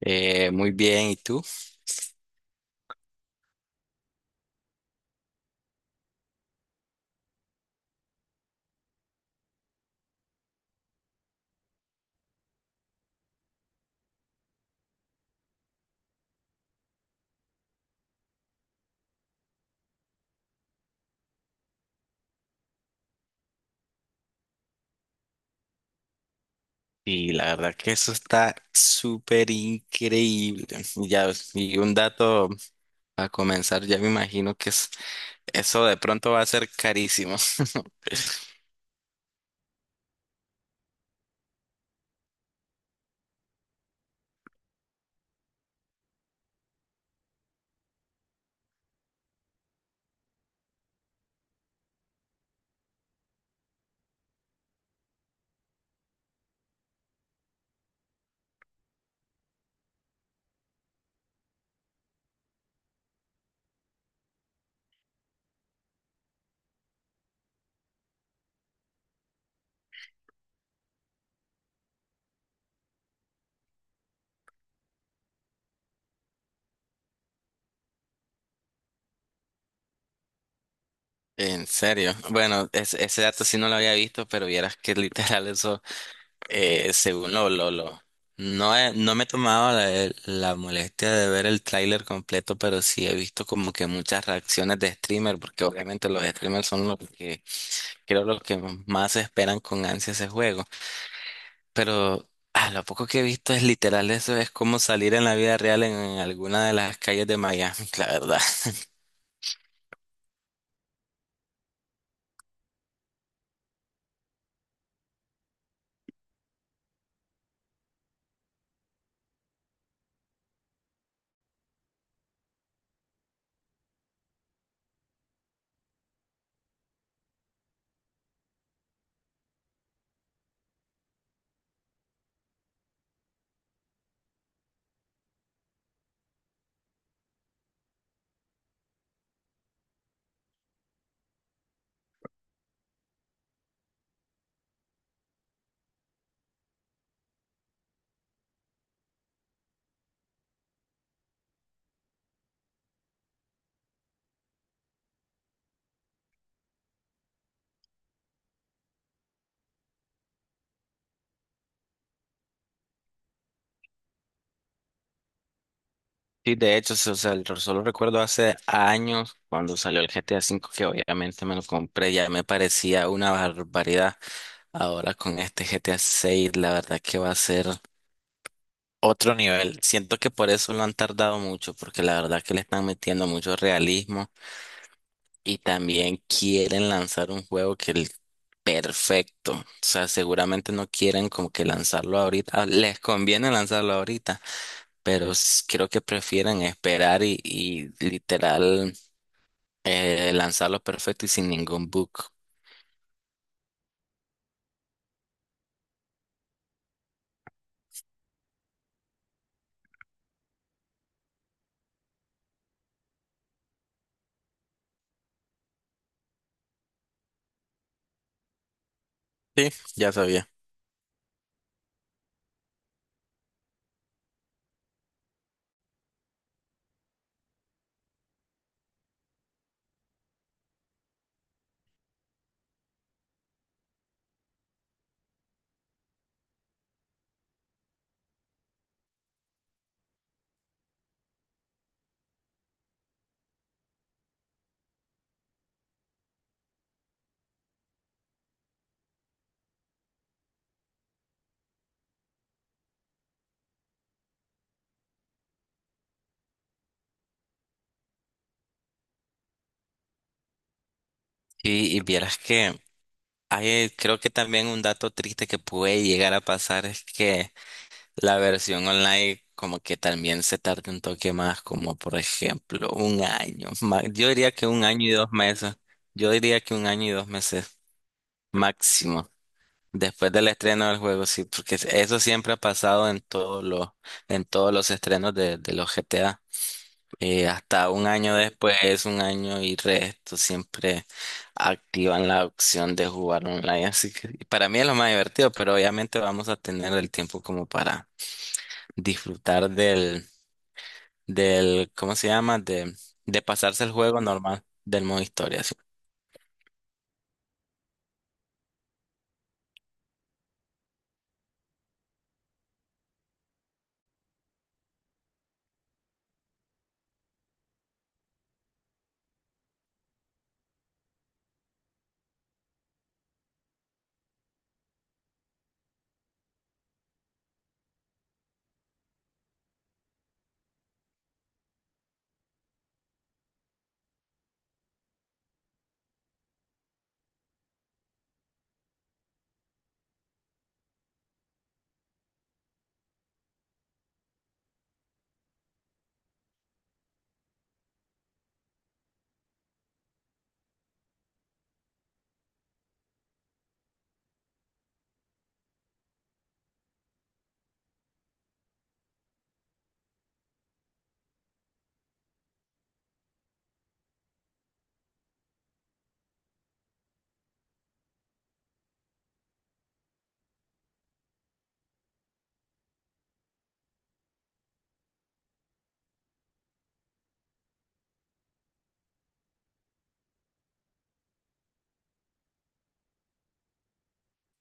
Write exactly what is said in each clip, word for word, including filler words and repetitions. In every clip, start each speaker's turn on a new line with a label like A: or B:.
A: Eh, muy bien, ¿y tú? Y la verdad que eso está súper increíble. Y ya, y un dato a comenzar, ya me imagino que es, eso de pronto va a ser carísimo. En serio. Bueno, es- ese dato sí no lo había visto, pero vieras que literal eso, eh, según lo, lo, lo. No, he- no me he tomado la, la molestia de ver el tráiler completo, pero sí he visto como que muchas reacciones de streamer, porque obviamente los streamers son los que creo lo que más esperan con ansia ese juego. Pero a lo poco que he visto es literal, eso es como salir en la vida real en, alguna de las calles de Miami, la verdad. Sí, de hecho, so, o sea, el- solo recuerdo hace años cuando salió el G T A V, que obviamente me lo compré, ya me parecía una barbaridad. Ahora con este G T A seis, la verdad que va a ser otro nivel. Siento que por eso lo han tardado mucho, porque la verdad que le están metiendo mucho realismo. Y también quieren lanzar un juego que el perfecto. O sea, seguramente no quieren como que lanzarlo ahorita. Ah, les conviene lanzarlo ahorita, pero s- creo que prefieren esperar y, y literal eh, lanzarlo perfecto y sin ningún bug. Sí, ya sabía. Y, y vieras que hay, eh, creo que también un dato triste que puede llegar a pasar es que la versión online como que también se tarda un toque más, como por ejemplo un año. ma- Yo diría que un año y dos meses. Yo diría que un año y dos meses máximo. Después del estreno del juego, sí, porque eso siempre ha pasado en todos los, en todos los estrenos de, de los G T A. Eh, hasta un año después, un año y resto, siempre activan la opción de jugar online. Así que para mí es lo más divertido, pero obviamente vamos a tener el tiempo como para disfrutar del, del, ¿cómo se llama? De, de pasarse el juego normal del modo historia. Sí,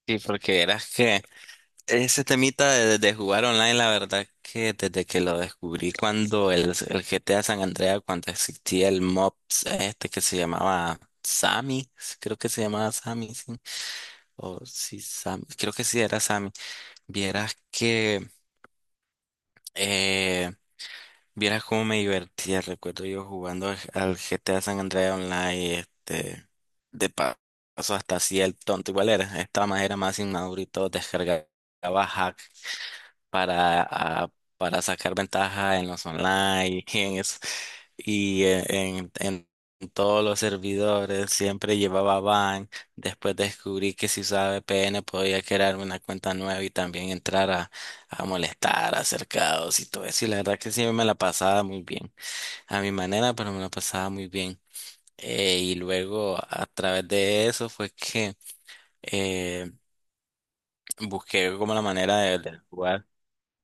A: sí, porque eras que ese temita de, de jugar online, la verdad que desde que lo descubrí cuando el, el G T A San Andreas, cuando existía el mobs este que se llamaba Sammy, creo que se llamaba Sammy, sí, o sí, Sammy, creo que sí era Sammy, vieras que... eh, Vieras cómo me divertía, recuerdo yo jugando al al G T A San Andreas Online, este, de pa- paso hasta hacía el tonto, igual era, esta más era más inmaduro y todo, descargaba para, a- para sacar ventaja en los online y en, es- y en, en- en todos los servidores. Siempre llevaba ban. Después descubrí que si usaba V P N podía crearme una cuenta nueva y también entrar a, a molestar, a hacer caos y todo eso. Y la verdad que sí me la pasaba muy bien. A mi manera, pero me la pasaba muy bien. Eh, y luego a través de eso fue que eh, busqué como la manera de, de jugar.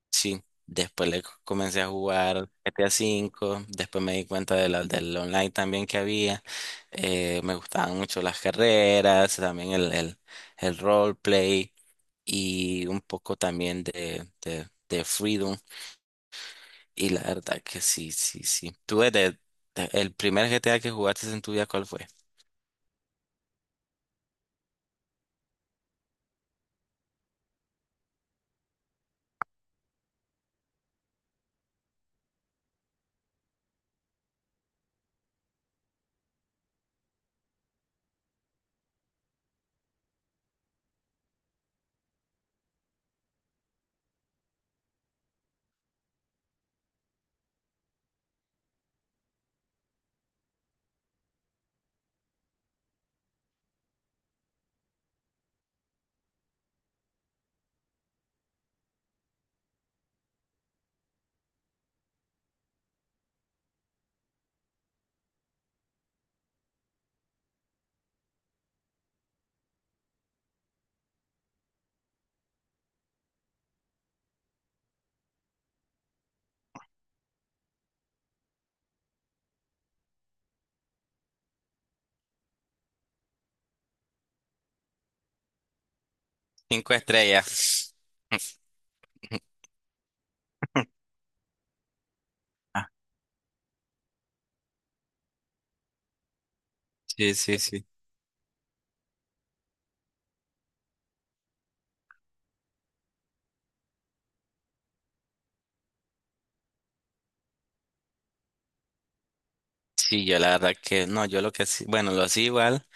A: Sí, después le comencé a jugar G T A V, después me di cuenta de la, del online también que había. Eh, me gustaban mucho las carreras, también el, el, el roleplay y un poco también de, de, de Freedom. Y la verdad que sí, sí, sí. ¿Tú desde de- el primer G T A que jugaste en tu vida, cuál fue? Cinco estrellas. Sí, sí, sí. Sí, yo la verdad que no, yo lo que sí, bueno, lo hacía igual.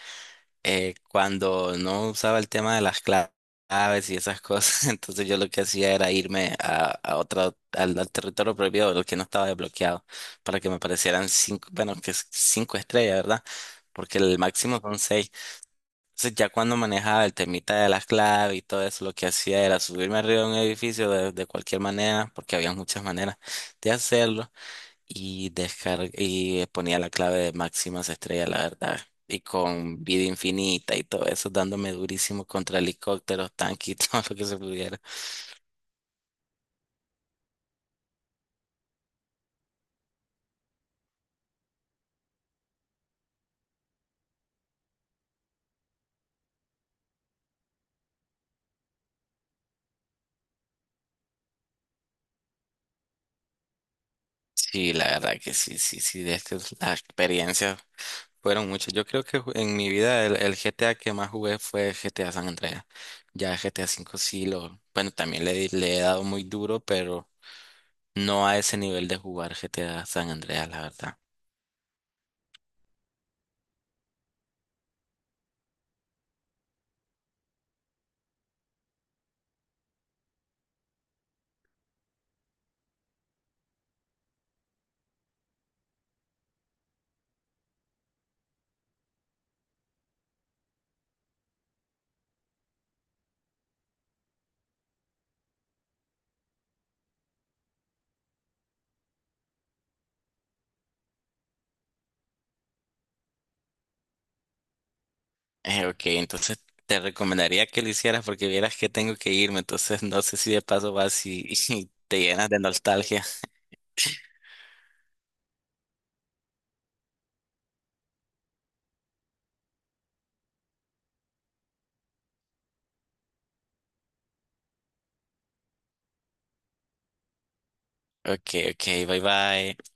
A: eh, Cuando no usaba el tema de las cla- claves y esas cosas, entonces yo lo que hacía era irme a, a otra, al, al territorio prohibido, lo que no estaba desbloqueado, para que me aparecieran cinco, bueno, que es cinco estrellas, ¿verdad? Porque el máximo son seis. Entonces ya cuando manejaba el temita de las claves y todo eso, lo que hacía era subirme arriba de un edificio de, de cualquier manera, porque había muchas maneras de hacerlo y, descar- y ponía la clave de máximas estrellas, la verdad. Y con vida infinita y todo eso, dándome durísimo contra helicópteros, tanques y todo lo que se pudiera. Sí, la verdad que sí, sí, sí, es que las experiencias fueron muchas. Yo creo que ju- en mi vida el, el G T A que más jugué fue G T A San Andreas. Ya G T A V sí lo, bueno, también le, di- le he dado muy duro, pero no a ese nivel de jugar G T A San Andreas, la verdad. Eh, ok, entonces te recomendaría que lo hicieras porque vieras que tengo que irme, entonces no sé si de paso vas y, y te llenas de nostalgia. Ok, ok, bye bye.